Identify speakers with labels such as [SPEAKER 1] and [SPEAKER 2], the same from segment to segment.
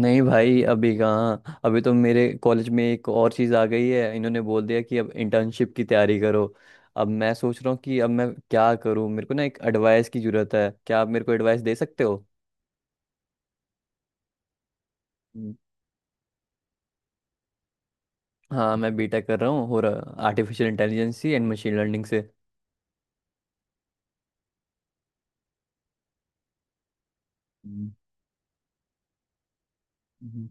[SPEAKER 1] नहीं भाई, अभी कहाँ। अभी तो मेरे कॉलेज में एक और चीज़ आ गई है। इन्होंने बोल दिया कि अब इंटर्नशिप की तैयारी करो। अब मैं सोच रहा हूँ कि अब मैं क्या करूँ। मेरे को ना एक एडवाइस की ज़रूरत है। क्या आप मेरे को एडवाइस दे सकते हो? हम्म। हाँ, मैं बीटेक कर रहा हूँ, और artificial intelligence and machine learning से। हम्म। हम्म।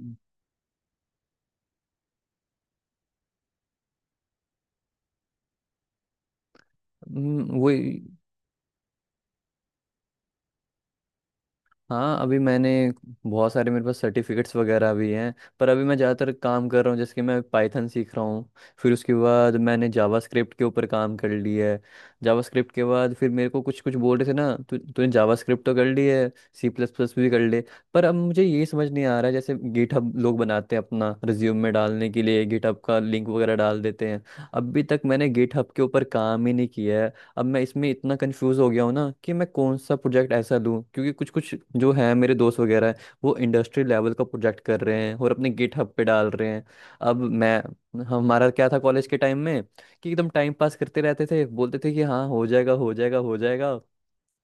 [SPEAKER 1] हम्म। वही। हाँ अभी मैंने, बहुत सारे मेरे पास सर्टिफिकेट्स वगैरह भी हैं। पर अभी मैं ज़्यादातर काम कर रहा हूँ, जैसे कि मैं पाइथन सीख रहा हूँ। फिर उसके बाद मैंने जावास्क्रिप्ट के ऊपर काम कर लिया है। जावास्क्रिप्ट के बाद फिर मेरे को कुछ कुछ बोल रहे थे ना, तू तूने जावास्क्रिप्ट तो कर ली है, सी प्लस प्लस भी कर ले। पर अब मुझे ये समझ नहीं आ रहा है, जैसे गिटहब लोग बनाते हैं, अपना रिज्यूम में डालने के लिए गिटहब का लिंक वगैरह डाल देते हैं। अभी तक मैंने गिटहब के ऊपर काम ही नहीं किया है। अब मैं इसमें इतना कंफ्यूज हो गया हूँ ना कि मैं कौन सा प्रोजेक्ट ऐसा लूँ, क्योंकि कुछ कुछ जो है मेरे दोस्त वगैरह हैं। वो इंडस्ट्री लेवल का प्रोजेक्ट कर रहे हैं और अपने गिटहब पे डाल रहे हैं। अब मैं हमारा क्या था कॉलेज के टाइम में, कि एकदम टाइम पास करते रहते थे, बोलते थे कि हाँ हो जाएगा, हो जाएगा, हो जाएगा।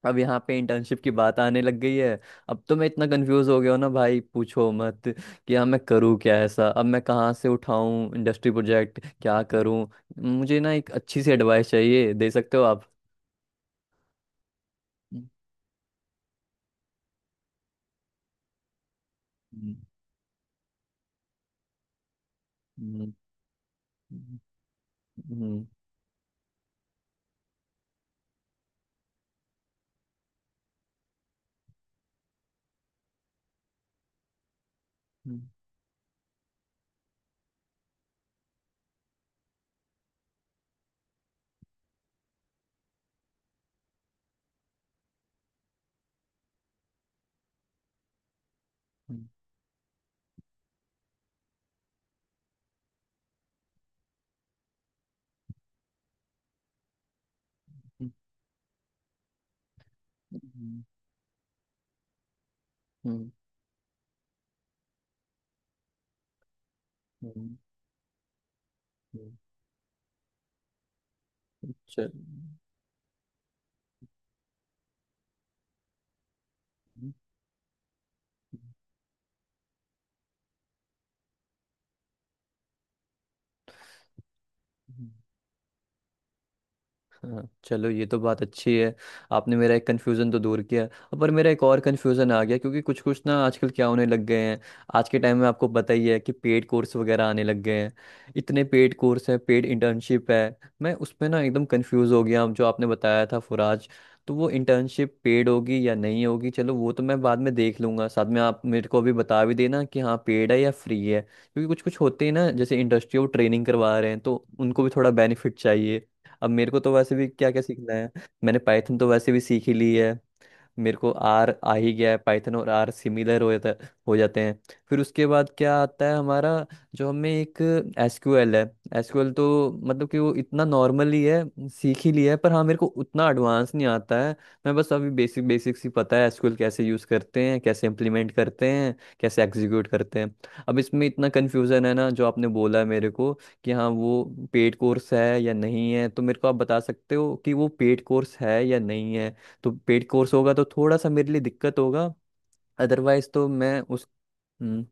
[SPEAKER 1] अब यहाँ पे इंटर्नशिप की बात आने लग गई है। अब तो मैं इतना कंफ्यूज हो गया हूँ ना भाई, पूछो मत। कि हाँ मैं करूँ क्या ऐसा? अब मैं कहाँ से उठाऊँ इंडस्ट्री प्रोजेक्ट? क्या करूँ? मुझे ना एक अच्छी सी एडवाइस चाहिए। दे सकते हो आप? चल। हाँ चलो, ये तो बात अच्छी है। आपने मेरा एक कन्फ्यूज़न तो दूर किया। अब पर मेरा एक और कन्फ्यूज़न आ गया, क्योंकि कुछ कुछ ना आजकल क्या होने लग गए हैं। आज के टाइम में आपको पता ही है कि पेड कोर्स वगैरह आने लग गए हैं। इतने पेड कोर्स हैं, पेड इंटर्नशिप है। मैं उसमें ना एकदम कन्फ्यूज़ हो गया। जो आपने बताया था फुराज, तो वो इंटर्नशिप पेड होगी या नहीं होगी? चलो, वो तो मैं बाद में देख लूंगा। साथ में आप मेरे को अभी बता भी देना कि हाँ पेड है या फ्री है, क्योंकि कुछ कुछ होते हैं ना, जैसे इंडस्ट्री, वो ट्रेनिंग करवा रहे हैं तो उनको भी थोड़ा बेनिफिट चाहिए। अब मेरे को तो वैसे भी क्या क्या सीखना है। मैंने पाइथन तो वैसे भी सीख ही ली है। मेरे को आर आ ही गया है। पाइथन और आर सिमिलर हो जाता, हो जाते हैं। फिर उसके बाद क्या आता है हमारा, जो हमें एक, एसक्यूएल है। एसक्यूएल तो मतलब कि वो इतना नॉर्मल ही है, सीख ही लिया है, पर हाँ मेरे को उतना एडवांस नहीं आता है। मैं बस अभी बेसिक, बेसिक्स ही पता है एसक्यूएल कैसे यूज़ करते हैं, कैसे इम्प्लीमेंट करते हैं, कैसे एग्जीक्यूट करते हैं। अब इसमें इतना कन्फ्यूज़न है ना, जो आपने बोला है मेरे को, कि हाँ वो पेड कोर्स है या नहीं है। तो मेरे को आप बता सकते हो कि वो पेड कोर्स है या नहीं है? तो पेड कोर्स होगा तो थोड़ा सा मेरे लिए दिक्कत होगा। अदरवाइज तो मैं उस। हम्म।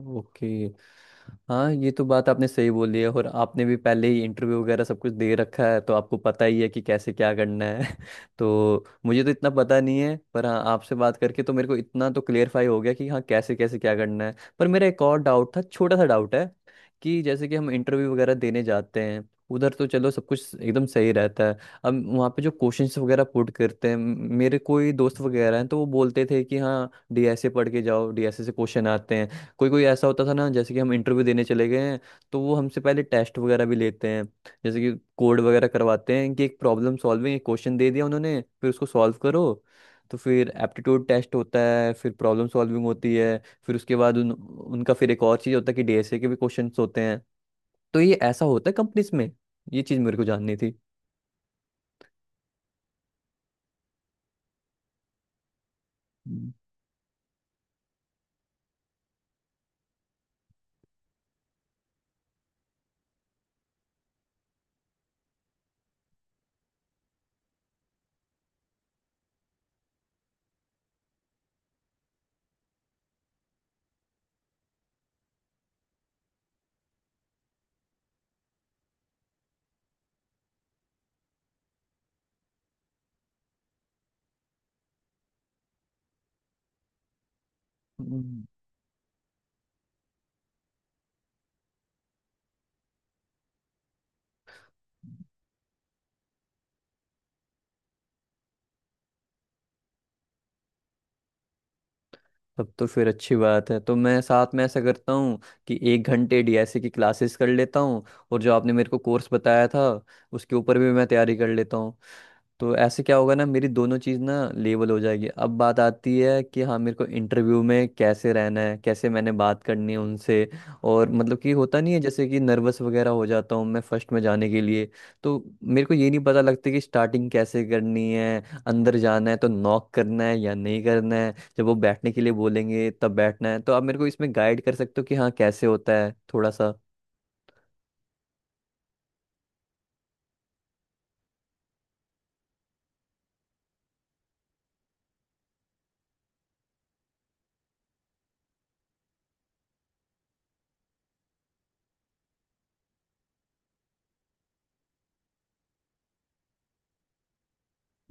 [SPEAKER 1] ओके। हाँ ये तो बात आपने सही बोली है, और आपने भी पहले ही इंटरव्यू वगैरह सब कुछ दे रखा है तो आपको पता ही है कि कैसे क्या करना है। तो मुझे तो इतना पता नहीं है, पर हाँ आपसे बात करके तो मेरे को इतना तो क्लियरफाई हो गया कि हाँ कैसे कैसे क्या करना है। पर मेरा एक और डाउट था, छोटा सा डाउट है। कि जैसे कि हम इंटरव्यू वगैरह देने जाते हैं, उधर तो चलो सब कुछ एकदम सही रहता है। अब वहाँ पे जो क्वेश्चंस वगैरह पुट करते हैं, मेरे कोई दोस्त वगैरह हैं तो वो बोलते थे कि हाँ डीएसए पढ़ के जाओ, डीएसए से क्वेश्चन आते हैं। कोई कोई ऐसा होता था ना, जैसे कि हम इंटरव्यू देने चले गए हैं, तो वो हमसे पहले टेस्ट वगैरह भी लेते हैं। जैसे कि कोड वगैरह करवाते हैं कि एक प्रॉब्लम सॉल्विंग, एक क्वेश्चन दे दिया उन्होंने, फिर उसको सॉल्व करो। तो फिर एप्टीट्यूड टेस्ट होता है, फिर प्रॉब्लम सॉल्विंग होती है। फिर उसके बाद उनका फिर एक और चीज़ होता है कि डीएसए के भी क्वेश्चंस होते हैं। तो ये ऐसा होता है कंपनीज में। ये चीज़ मेरे को जाननी थी। हम्म। हम्म। तब तो फिर अच्छी बात है, तो मैं साथ में ऐसा करता हूँ कि एक घंटे डीएसए की क्लासेस कर लेता हूँ, और जो आपने मेरे को कोर्स बताया था, उसके ऊपर भी मैं तैयारी कर लेता हूँ। तो ऐसे क्या होगा ना, मेरी दोनों चीज़ ना लेवल हो जाएगी। अब बात आती है कि हाँ मेरे को इंटरव्यू में कैसे रहना है, कैसे मैंने बात करनी है उनसे। और मतलब कि होता नहीं है, जैसे कि नर्वस वगैरह हो जाता हूँ मैं फर्स्ट में जाने के लिए। तो मेरे को ये नहीं पता लगता कि स्टार्टिंग कैसे करनी है। अंदर जाना है तो नॉक करना है या नहीं करना है? जब वो बैठने के लिए बोलेंगे तब बैठना है? तो आप मेरे को इसमें गाइड कर सकते हो कि हाँ कैसे होता है, थोड़ा सा?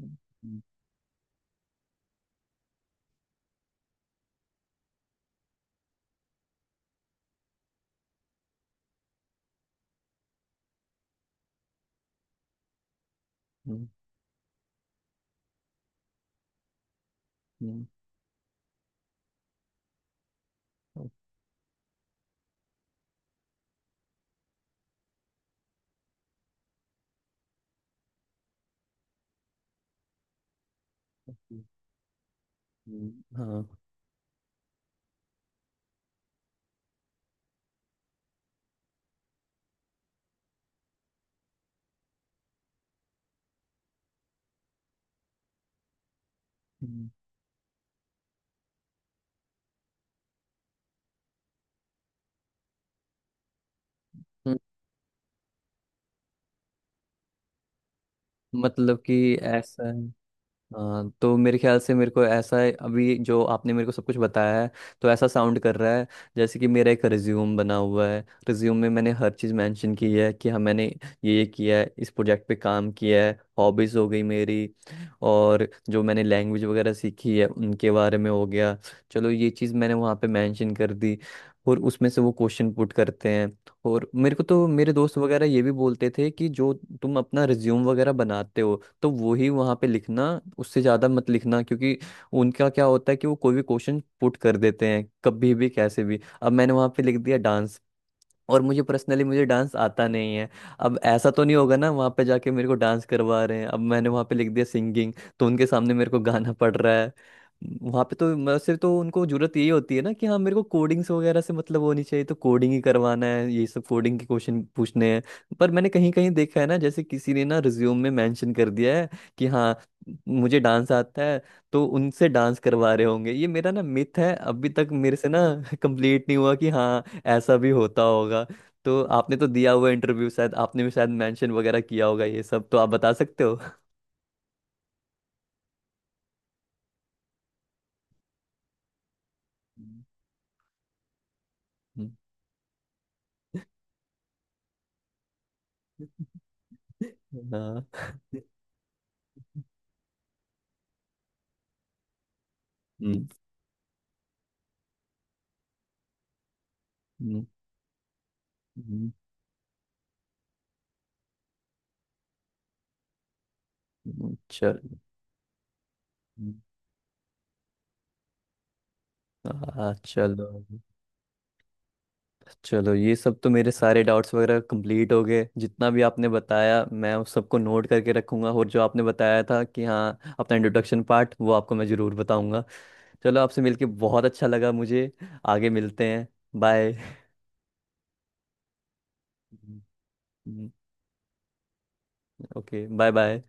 [SPEAKER 1] हम्म। हम्म। हम्म। हम्म। हाँ। हम्म। मतलब कि ऐसा है। हाँ तो मेरे ख्याल से मेरे को ऐसा है, अभी जो आपने मेरे को सब कुछ बताया है, तो ऐसा साउंड कर रहा है जैसे कि मेरा एक रिज्यूम बना हुआ है, रिज्यूम में मैंने हर चीज़ मेंशन की है कि हाँ मैंने ये किया है, इस प्रोजेक्ट पे काम किया है, हॉबीज़ हो गई मेरी, और जो मैंने लैंग्वेज वगैरह सीखी है उनके बारे में हो गया। चलो, ये चीज़ मैंने वहाँ पे मेंशन कर दी, और उसमें से वो क्वेश्चन पुट करते हैं। और मेरे को तो मेरे दोस्त वगैरह ये भी बोलते थे कि जो तुम अपना रिज्यूम वगैरह बनाते हो तो वो ही वहाँ पे लिखना, उससे ज़्यादा मत लिखना, क्योंकि उनका क्या होता है कि वो कोई भी क्वेश्चन पुट कर देते हैं, कभी भी, कैसे भी। अब मैंने वहाँ पे लिख दिया डांस, और मुझे पर्सनली, मुझे डांस आता नहीं है। अब ऐसा तो नहीं होगा ना वहाँ पे जाके मेरे को डांस करवा रहे हैं। अब मैंने वहाँ पे लिख दिया सिंगिंग, तो उनके सामने मेरे को गाना पड़ रहा है। वहाँ पे तो मतलब सिर्फ तो उनको जरूरत यही होती है ना कि हाँ मेरे को कोडिंग्स वगैरह से मतलब होनी चाहिए, तो कोडिंग ही करवाना है, ये सब कोडिंग के क्वेश्चन पूछने हैं। पर मैंने कहीं कहीं देखा है ना, जैसे किसी ने ना रिज्यूम में मेंशन कर दिया है कि हाँ मुझे डांस आता है, तो उनसे डांस करवा रहे होंगे। ये मेरा ना मिथ है, अभी तक मेरे से ना कंप्लीट नहीं हुआ कि हाँ ऐसा भी होता होगा। तो आपने तो दिया हुआ इंटरव्यू, शायद आपने भी शायद मेंशन वगैरह किया होगा, ये सब तो आप बता सकते हो। हम्म। हाँ। हम्म। हम्म। हम्म। चल। हम्म, हाँ चलो। चलो, ये सब तो मेरे सारे डाउट्स वगैरह कंप्लीट हो गए, जितना भी आपने बताया मैं उस सबको नोट करके रखूंगा, और जो आपने बताया था कि हाँ अपना इंट्रोडक्शन पार्ट, वो आपको मैं ज़रूर बताऊंगा। चलो, आपसे मिलके बहुत अच्छा लगा मुझे। आगे मिलते हैं। बाय। Okay bye bye.